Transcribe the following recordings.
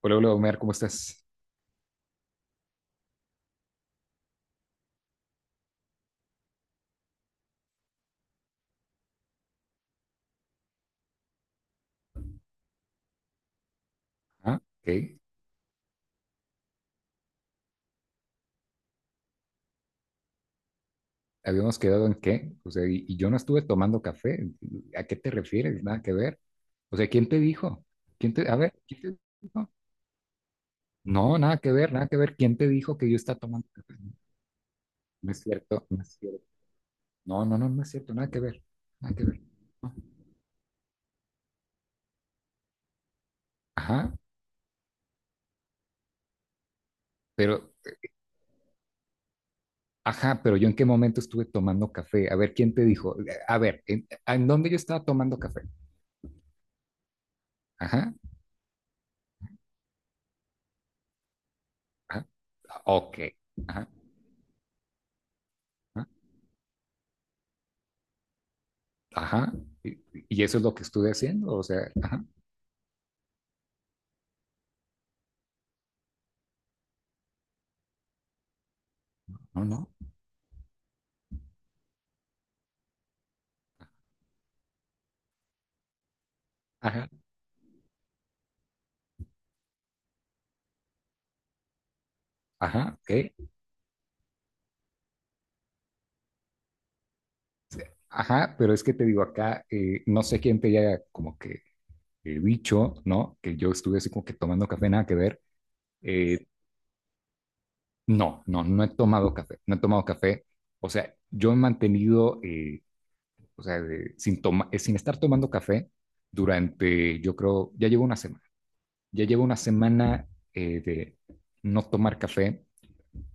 Hola, hola Omar, ¿cómo estás? Ah, ok. ¿Habíamos quedado en qué? O sea, y yo no estuve tomando café. ¿A qué te refieres? Nada que ver. O sea, ¿quién te dijo? A ver, ¿quién te dijo? No, nada que ver, nada que ver. ¿Quién te dijo que yo estaba tomando café? No es cierto, no es cierto. No, no, no, no es cierto, nada que ver, nada que ver. No. Ajá, pero, ajá, pero yo ¿en qué momento estuve tomando café? A ver, ¿quién te dijo? A ver, ¿en dónde yo estaba tomando café? Ajá, ajá, ok, ajá. Ajá. Ajá. Y, y eso es lo que estuve haciendo. O sea, ajá, no, no. Ajá, ajá, ok. Ajá, pero es que te digo acá, no sé quién te haya como que dicho, ¿no? Que yo estuve así como que tomando café, nada que ver. Eh, no, no, no he tomado café, no he tomado café. O sea, yo he mantenido, o sea, sin estar tomando café durante, yo creo, ya llevo una semana de no tomar café.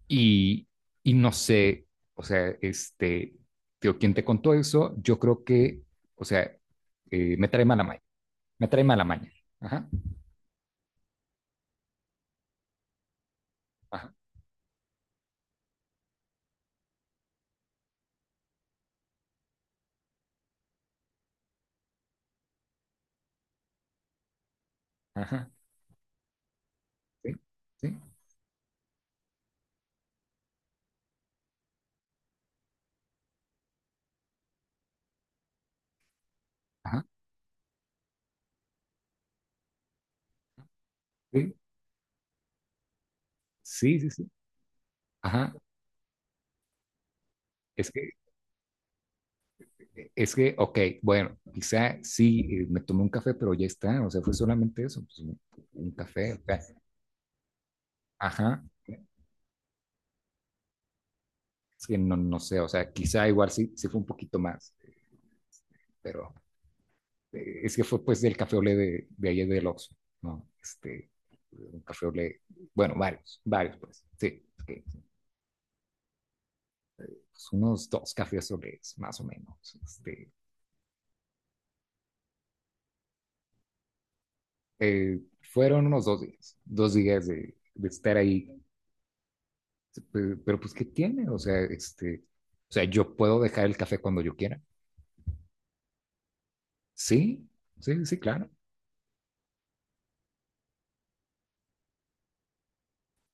Y, y no sé, o sea, este, tío, ¿quién te contó eso? Yo creo que, o sea, me trae mala maña, me trae mala maña. Ajá, ajá, ajá, sí, sí, ajá, sí, sí, sí, sí, ajá. Es que, es que, ok, bueno, quizá sí, me tomé un café, pero ya está, o sea, fue solamente eso, pues, un, café, o sea, ajá, es que no, no sé, o sea, quizá igual sí, sí fue un poquito más, este, pero es que fue pues del café olé de ayer del Oxxo, ¿no? Este, un café olé, bueno, varios, varios pues, sí, que, pues, unos dos cafés olés más o menos. Este, fueron unos dos días de, estar ahí, pues ¿qué tiene? O sea, este, o sea, yo puedo dejar el café cuando yo quiera. Sí, sí, sí, claro.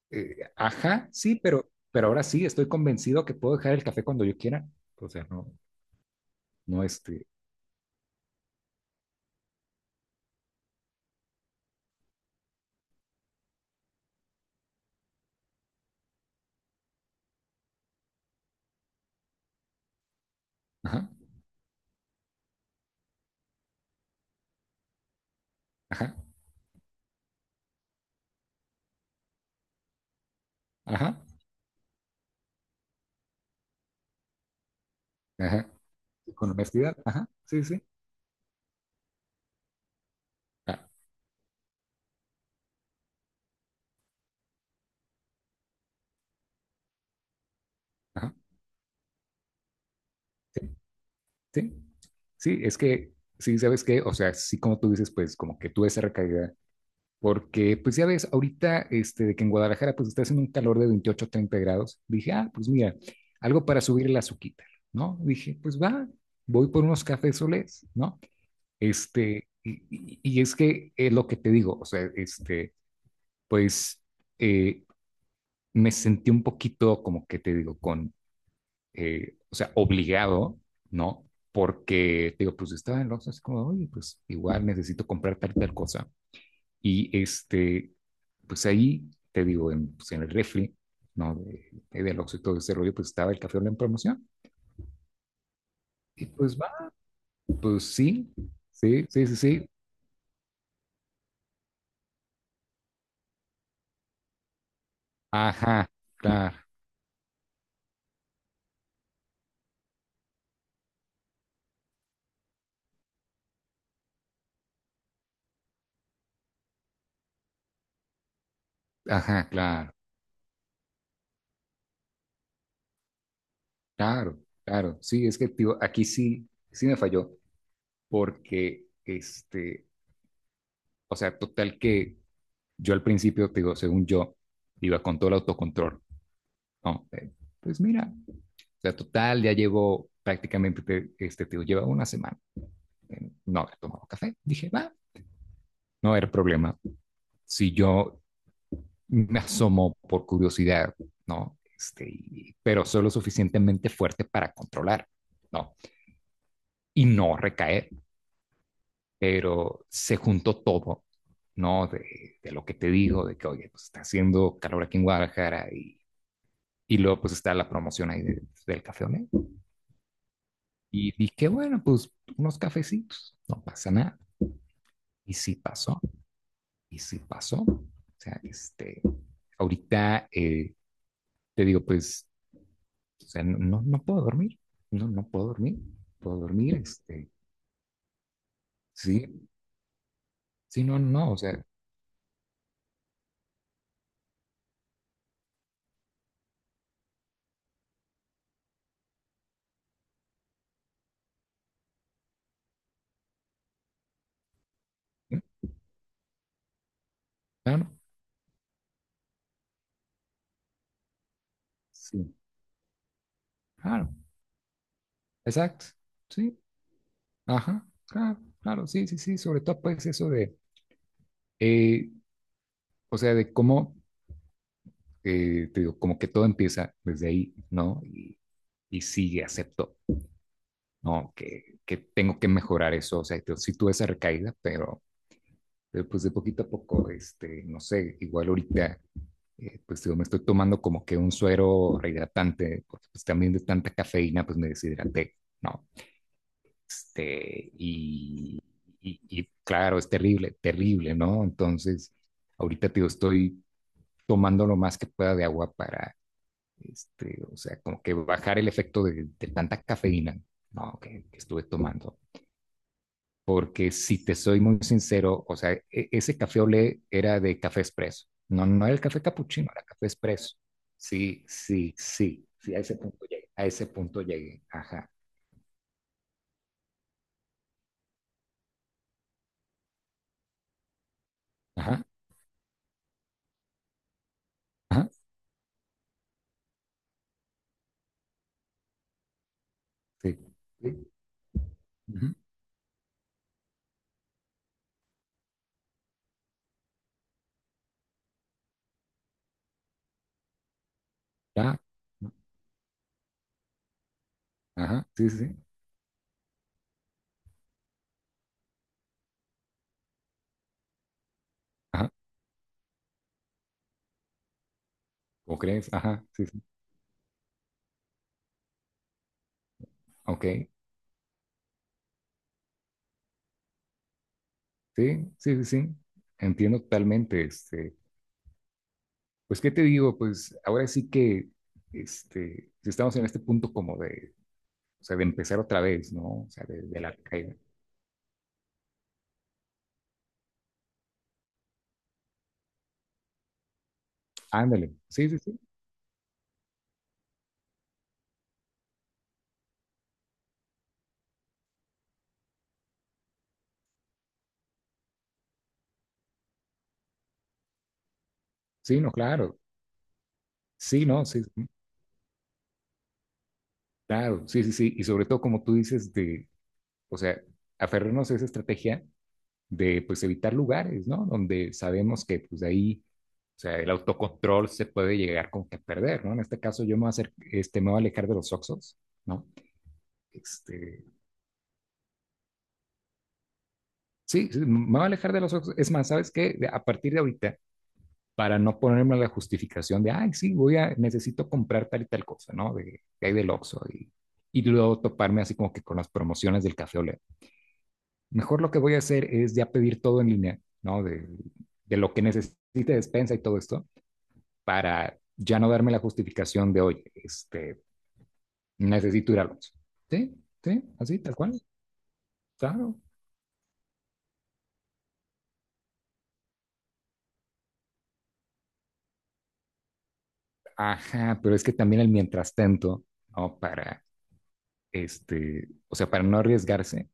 Ajá, sí, pero ahora sí, estoy convencido que puedo dejar el café cuando yo quiera. O sea, no, no este, ajá, ajá, ajá. Ajá. Sí, con honestidad, ajá, sí, sí. Ah, ajá, sí, sí. Sí, es que, sí, ¿sabes qué? O sea, sí, como tú dices, pues como que tuve esa recaída, porque pues ya ves, ahorita, este, de que en Guadalajara pues está haciendo un calor de 28 30 grados, dije, ah, pues mira, algo para subir el azuquita, ¿no? Dije, pues va, voy por unos cafés solés, ¿no? Este, y es que es lo que te digo, o sea, este, pues eh, me sentí un poquito como que te digo, con o sea, obligado, ¿no? Porque, te digo, pues estaba en el Oxxo así como, oye, pues igual necesito comprar tal y tal cosa. Y este, pues ahí, te digo, en el refri, ¿no? Del Oxxo y todo ese rollo, pues estaba el café Olé en promoción. Y pues va, pues sí, sí, sí, sí, sí. Ajá, claro, ajá, claro, claro, claro. Sí, es que, tío, aquí sí, sí, me falló, porque, este, o sea, total que yo al principio, te digo, según yo, iba con todo el autocontrol, ¿no? Pues mira, o sea, total, ya llevo prácticamente, este, te digo, lleva una semana, no había tomado café. Dije, va, no era problema. Si yo me asomo por curiosidad, ¿no? Este, pero solo suficientemente fuerte para controlar, ¿no? Y no recaer, pero se juntó todo, ¿no? De lo que te digo, de que, oye, pues está haciendo calor aquí en Guadalajara. Y luego pues está la promoción ahí del café Olé. Y dije, bueno, pues unos cafecitos, no pasa nada. Y sí pasó, y sí pasó. O sea, este, ahorita te digo, pues, o sea, no, no no puedo dormir, no, no puedo dormir, puedo dormir, este, sí, sí, no, no, o sea, ¿eh? Claro, sí, claro, exacto, sí, ajá, claro, claro, sí, sí, sí, sobre todo pues eso de, eh, o sea, de cómo te digo, como que todo empieza desde ahí, ¿no? Y sí, acepto, ¿no? Que tengo que mejorar eso, o sea, yo sí tuve esa recaída, pero, pues de poquito a poco, este, no sé, igual ahorita, pues digo, me estoy tomando como que un suero rehidratante, porque pues también de tanta cafeína, pues me deshidraté, ¿no? Este, y claro, es terrible, terrible, ¿no? Entonces, ahorita, te digo, estoy tomando lo más que pueda de agua. Para Este, o sea, como que bajar el efecto de, tanta cafeína, no, que, estuve tomando. Porque si te soy muy sincero, o sea, ese café olé era de café expreso. No, no era el café capuchino, era café expreso. Sí, sí, sí, sí, a ese punto llegué. A ese punto llegué. Ajá, ajá, ajá, sí, sí, ujú, ya, ajá, sí, sí, sí, ajá, ¿o crees? Ajá, sí, sí, ok, sí, sí, sí, sí, entiendo totalmente, este. Pues, ¿qué te digo? Pues ahora sí que este, si estamos en este punto como de, o sea, de empezar otra vez, ¿no? O sea, de la caída. Ándale, sí, sí, sí, sí, no, claro, sí, no, sí, sí, claro, sí, sí, sí, y sobre todo como tú dices de, o sea, aferrarnos a esa estrategia de, pues, evitar lugares, ¿no? Donde sabemos que, pues, de ahí, o sea, el autocontrol se puede llegar como que a perder, ¿no? En este caso yo me voy a hacer, este, me voy a alejar de los oxos, ¿no? Este, sí, sí, me voy a alejar de los ojos. Es más, ¿sabes qué? A partir de ahorita, para no ponerme la justificación de, ay, sí, necesito comprar tal y tal cosa, ¿no? De, que hay del Oxxo y, luego toparme así como que con las promociones del Café Olé. Mejor lo que voy a hacer es ya pedir todo en línea, ¿no? De lo que necesite despensa y todo esto, para ya no darme la justificación de, oye, este, necesito ir al Oxxo. Sí, sí, así, tal cual, claro. Ajá, pero es que también el mientras tanto, ¿no? Para este, o sea, para no arriesgarse,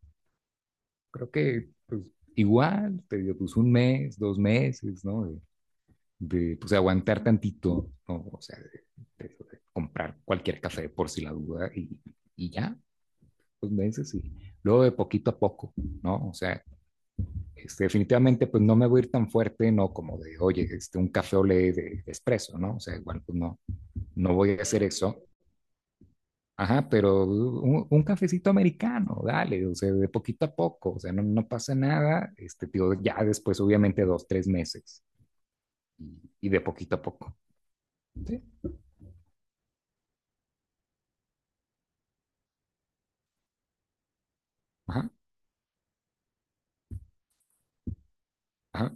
creo que pues, igual, te digo, pues un mes, dos meses, ¿no? Pues aguantar tantito, ¿no? O sea, de comprar cualquier café por si la duda y ya, dos meses y luego de poquito a poco, ¿no? O sea, este, definitivamente pues no me voy a ir tan fuerte, no como de, oye, este, un café ole de, espresso, ¿no? O sea, igual pues no, no voy a hacer eso. Ajá, pero un cafecito americano, dale, o sea, de poquito a poco, o sea, no, no pasa nada, este, tío, ya después, obviamente, dos, tres meses, y de poquito a poco, ¿sí? Ajá, ajá,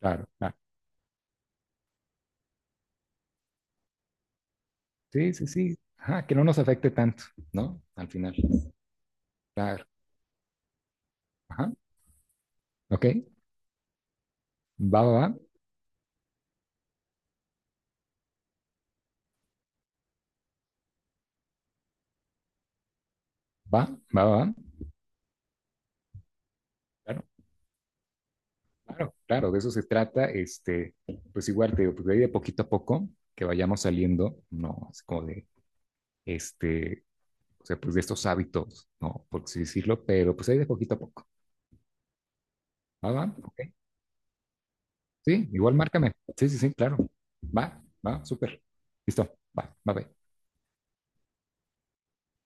claro, claro, sí, sí, sí, ajá, que no nos afecte tanto, ¿no? Al final, claro, ajá, ok, va, va, va, va, va, va, va, claro, claro, claro, de eso se trata, este, pues igual, te digo, pues de ahí de poquito a poco, que vayamos saliendo, no, es como de, este, o sea, pues de estos hábitos, ¿no? Por así decirlo, pero pues ahí de poquito a poco. ¿Va, va? Ok. Sí, igual márcame. Sí, sí, sí, claro. Va, va, súper. Listo. Va, va, va.